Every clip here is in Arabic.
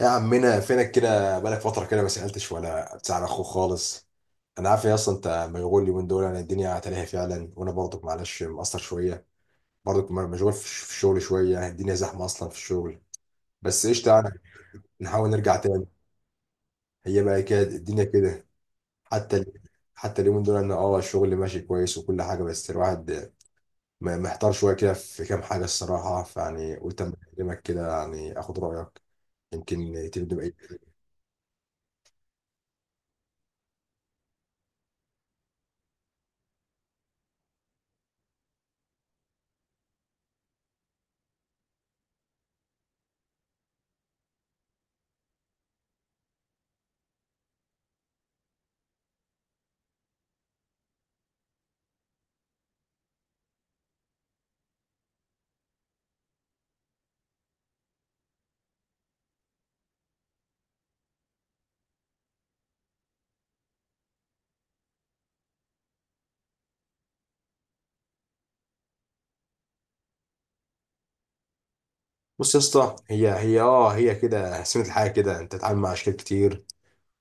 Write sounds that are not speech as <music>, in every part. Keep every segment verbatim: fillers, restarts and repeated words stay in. يا عمنا فينك كده، بقالك فترة كده ما سألتش ولا بتسأل أخوك خالص. أنا عارف يا أصلا أنت مشغول اليومين دول، يعني الدنيا تلاهي فعلا، وأنا برضك معلش مقصر شوية. برضك م- مشغول في الش- في الشغل شوية، يعني الدنيا زحمة أصلا في الشغل. بس إيش، تعالى نحاول نرجع تاني. هي بقى كده الدنيا كده. حتى ال- حتى اليومين دول أنا أه الشغل ماشي كويس وكل حاجة، بس الواحد م- محتار شوية كده في كام حاجة الصراحة. فيعني قلت أما أكلمك كده يعني آخد رأيك، يمكن تبدو بأي. بص يا اسطى، هي هي اه هي كده سنة الحياة، كده انت تتعامل مع اشكال كتير،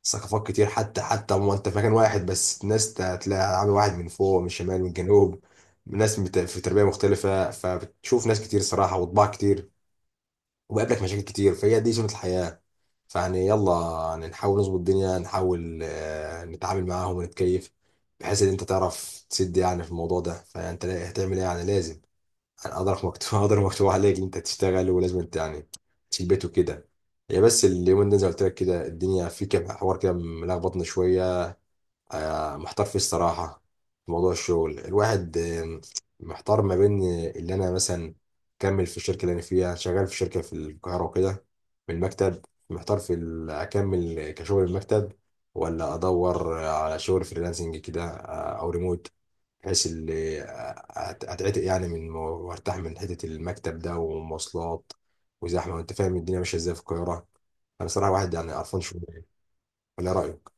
ثقافات كتير. حتى حتى ما انت في مكان واحد، بس الناس ت- تلاقي عامل واحد من فوق، من الشمال، من الجنوب. ناس مت- في تربية مختلفة، فبتشوف ناس كتير صراحة وطباع كتير، وبقابلك مشاكل كتير، فهي دي سنة الحياة. فيعني يلا، يعني نحاول نظبط الدنيا، نحاول آه، نتعامل معاهم ونتكيف، بحيث ان انت تعرف تسد يعني في الموضوع ده. فانت لا- هتعمل ايه يعني؟ لازم، قدرك مكتوب <laughs> قدرك مكتوب عليك ان انت تشتغل، ولازم انت يعني تشيل بيت وكده. هي بس اليومين ده زي ما قلت لك كده، الدنيا في كده حوار كده ملخبطنا شويه. آه، محتار فيه الصراحه، في موضوع الشغل. الواحد آه، محتار ما بين اللي انا مثلا اكمل في الشركه اللي انا فيها شغال، في شركه في القاهره وكده، من المكتب، محتار في ال- اكمل كشغل المكتب، ولا ادور على شغل فريلانسنج كده آه، او ريموت، بحيث اللي أت- اتعتق يعني من مو- وارتاح من حته المكتب ده ومواصلات وزحمه، وانت فاهم الدنيا ماشيه ازاي في القاهره. انا صراحه واحد يعني قرفان شويه. ولا رايك؟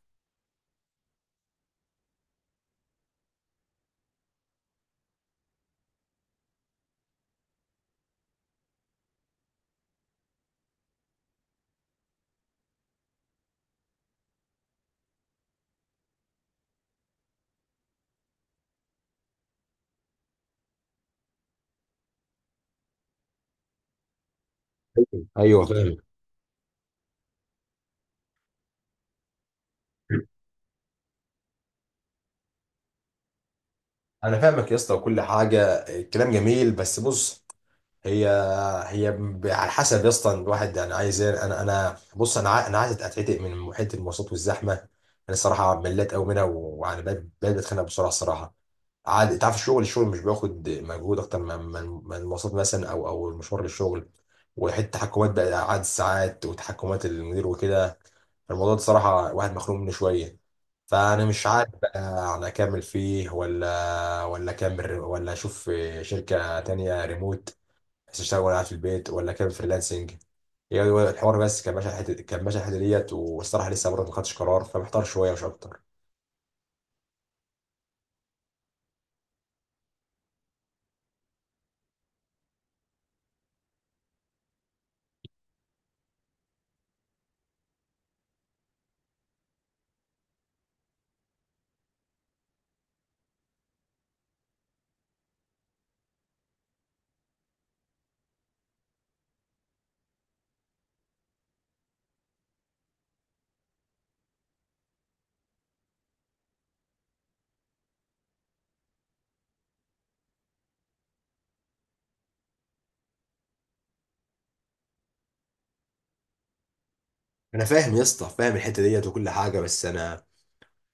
ايوه أيوة، فاهم. انا فاهمك يا اسطى وكل حاجه، الكلام جميل، بس بص، هي هي ب- على حسب يا اسطى الواحد يعني عايز ايه. انا انا بص، انا عا- انا عايز اتعتق من محيط المواصلات والزحمه. انا الصراحه مليت قوي منها، ويعني بقيت بقيت بتخنق بسرعه الصراحه. عاد تعرف الشغل، الشغل مش بياخد مجهود اكتر من من من المواصلات مثلا، او او المشوار للشغل، وحته تحكمات بقى عدد الساعات وتحكمات المدير وكده. الموضوع ده صراحه واحد مخنوق منه شويه. فانا مش عارف بقى، يعني اكمل فيه ولا ولا اكمل، ولا اشوف شركه تانية ريموت، بس اشتغل وانا قاعد في البيت، ولا كان فريلانسنج. هي هو الحوار بس كان ماشي على الحته، كان ماشي على الحته ديت، والصراحه لسه برضه ما خدتش قرار، فمحتار شويه مش اكتر. انا فاهم يا اسطى، فاهم الحته ديت وكل حاجه، بس انا،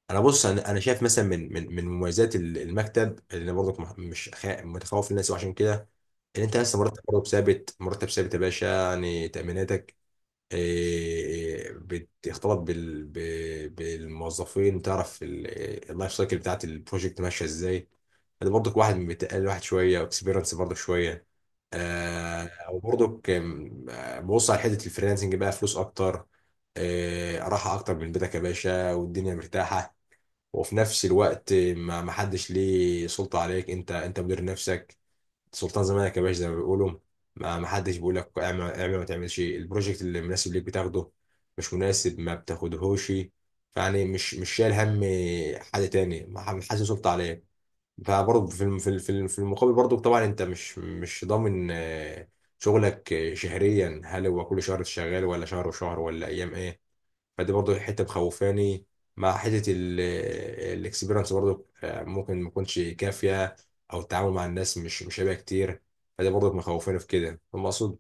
انا بص، انا انا شايف مثلا من من من مميزات ال- المكتب، اللي انا برضك مح- مش خا- متخوف الناس وعشان كده، ان انت لسه مرتب برضك ثابت، مرتب ثابت يا باشا، يعني تاميناتك، إيه، بتختلط بال... ب- بالموظفين، وتعرف ال- اللايف سايكل بتاعت البروجكت ماشيه ازاي. ده برضك واحد بيتقل واحد شويه، واكسبيرنس برضك شويه. آه، او برضك آم، آه، ببص على حته الفريلانسنج بقى، فلوس اكتر، آه، راحه اكتر من بيتك يا باشا، والدنيا مرتاحه، وفي نفس الوقت ما ما حدش ليه سلطه عليك، انت انت مدير نفسك، سلطان زمانك يا باشا زي ما بيقولوا. ما ما حدش بيقول لك اعمل، اعمل ما تعملش، البروجكت اللي مناسب ليك بتاخده، مش مناسب ما بتاخدهوش. فيعني مش مش شايل هم حد تاني، ما ح- حاسس سلطة عليه. فبرضه في الم- في ال- في الم- في المقابل برضه طبعا انت مش مش ضامن آه، شغلك آه، شهريا، هل هو كل شهر شغال، ولا شهر وشهر، ولا ايام ايه. فدي برضو حته مخوفاني. مع حته الاكسبيرنس برضو آه، ممكن ما تكونش كافيه، او التعامل مع الناس مش مش هيبقى كتير. فدي برضو مخوفاني في كده، فاهم اقصد.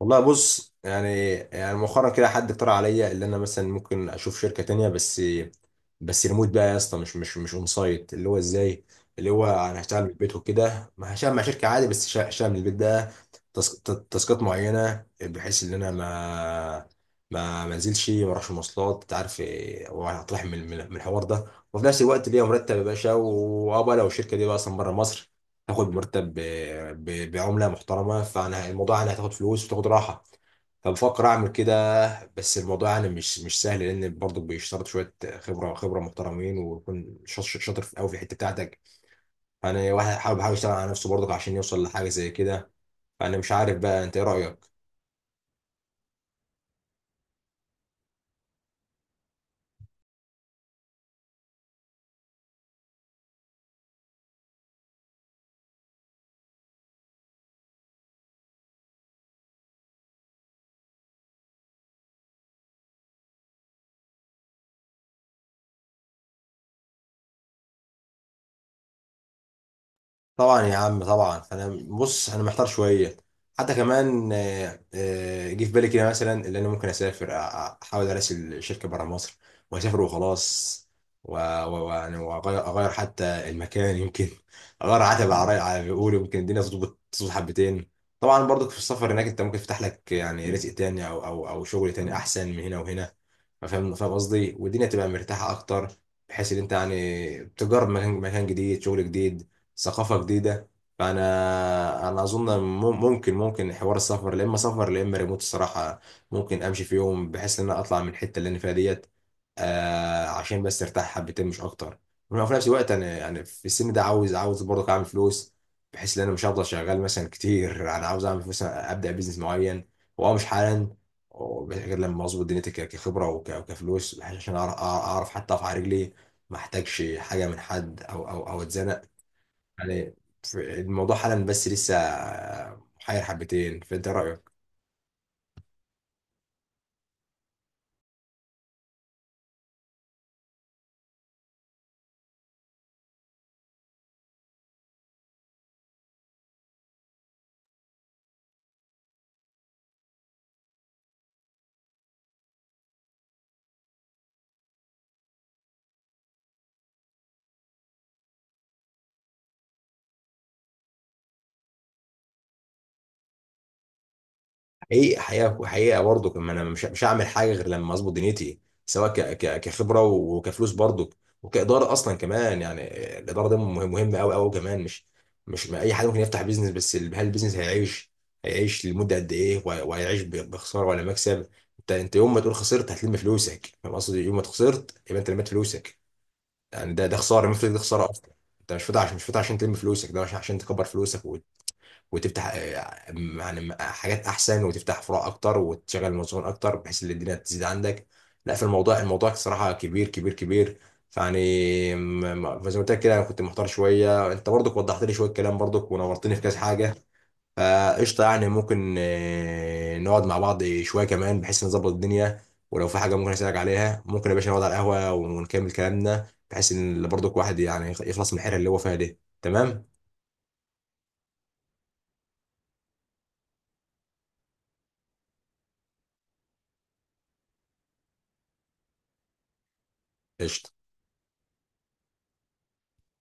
والله بص، يعني يعني مؤخرا كده حد اقترح عليا، اللي انا مثلا ممكن اشوف شركه تانية، بس بس ريموت بقى يا اسطى، مش مش مش اون سايت. اللي هو ازاي؟ اللي هو انا هشتغل من البيت وكده، ما هشتغل مع شركه عادي، بس شا- هشتغل من البيت ده، تاسك- تا- تاسكات معينه، بحيث ان انا ما ما ما انزلش، ما اروحش مواصلات، انت عارف إيه، وهطرح من من من الحوار ده، وفي نفس الوقت ليا مرتب يا باشا. وابقى لو الشركه دي بقى اصلا بره مصر، تاخد مرتب ب... ب... بعملة محترمة، فانا الموضوع يعني هتاخد فلوس وتاخد راحة. فبفكر اعمل كده، بس الموضوع يعني مش مش سهل، لان برضه بيشترط شويه خبره خبره محترمين، ويكون شاطر شاطر في قوي في الحته بتاعتك. فانا واحد حابب حابب يشتغل على نفسه برضه عشان يوصل لحاجه زي كده. فانا مش عارف بقى، انت ايه رايك؟ طبعا يا عم، طبعا انا بص انا محتار شويه. حتى كمان آه، آه، جه في بالي كده مثلا، اللي انا ممكن اسافر، أ- أ- احاول اراسل شركه بره مصر واسافر وخلاص، و- و- ويعني واغير اغير حتى المكان، يمكن <laughs> اغير عتب على رأي- على بيقولوا، يمكن الدنيا تظبط تظبط حبتين. طبعا برضك في السفر هناك انت ممكن تفتح لك يعني رزق تاني، او او او شغل تاني احسن من هنا وهنا، فاهم، فاهم قصدي، والدنيا تبقى مرتاحه اكتر، بحيث ان انت يعني تجرب مكان مكان جديد، شغل جديد، ثقافة جديدة. فأنا أنا أظن مم- ممكن ممكن حوار السفر، لا إما سفر لا إما ريموت الصراحة. ممكن أمشي في يوم، بحيث إن أنا أطلع من الحتة اللي أنا فيها ديت، آه، عشان بس أرتاح حبتين مش أكتر. وفي نفس الوقت أنا يعني في السن ده، عاوز عاوز برضه أعمل فلوس، بحيث إن أنا مش هفضل شغال مثلا كتير. أنا عاوز أعمل فلوس، أبدأ بيزنس معين، وأه مش حالا، غير لما أظبط دنيتي ك- كخبرة وك- وكفلوس، بحيث عشان أعرف أعرف حتى أقف على رجلي، ما احتاجش حاجة من حد أو أو أو أتزنق، يعني. في- الموضوع حالا بس لسه محير حبتين، فانت رايك؟ حقيقه حقيقه حقيقه برضو كمان، انا مش مش هعمل حاجه غير لما اظبط دنيتي، سواء ك... ك... كخبره وكفلوس برضو، وكاداره اصلا كمان يعني. الاداره ده مهم، مهمه قوي قوي كمان. مش مش ما اي حد ممكن يفتح بيزنس، بس ال- هل البيزنس هيعيش، هيعيش لمده قد ايه، وه- وهيعيش ب- بخساره ولا مكسب. انت انت يوم ما تقول خسرت، هتلم فلوسك، فاهم قصدي، يوم ما خسرت يبقى انت لميت فلوسك، يعني ده ده خساره، المفتك ده خساره اصلا. انت مش فاتح عشان، مش فاتح عشان تلم فلوسك ده عشان، عشان تكبر فلوسك وت- وتفتح آه، يعني حاجات احسن، وتفتح فروع اكتر، وتشغل موظفين اكتر، بحيث ان الدنيا تزيد عندك. لا، في الموضوع، الموضوع صراحه كبير كبير كبير. فيعني م- م- فزي ما قلت لك كده، انا كنت محتار شويه، انت برضك وضحت لي شويه كلام برضك، ونورتني في كذا حاجه. فقشطة، يعني ممكن آه، نقعد مع بعض شوية كمان، بحيث نظبط الدنيا، ولو في حاجة ممكن أسألك عليها، ممكن يا باشا نقعد على القهوة ونكمل كلامنا، بحيث إن برضو كل واحد يعني يخلص من الحيرة اللي هو فيها دي، تمام؟ قشطة.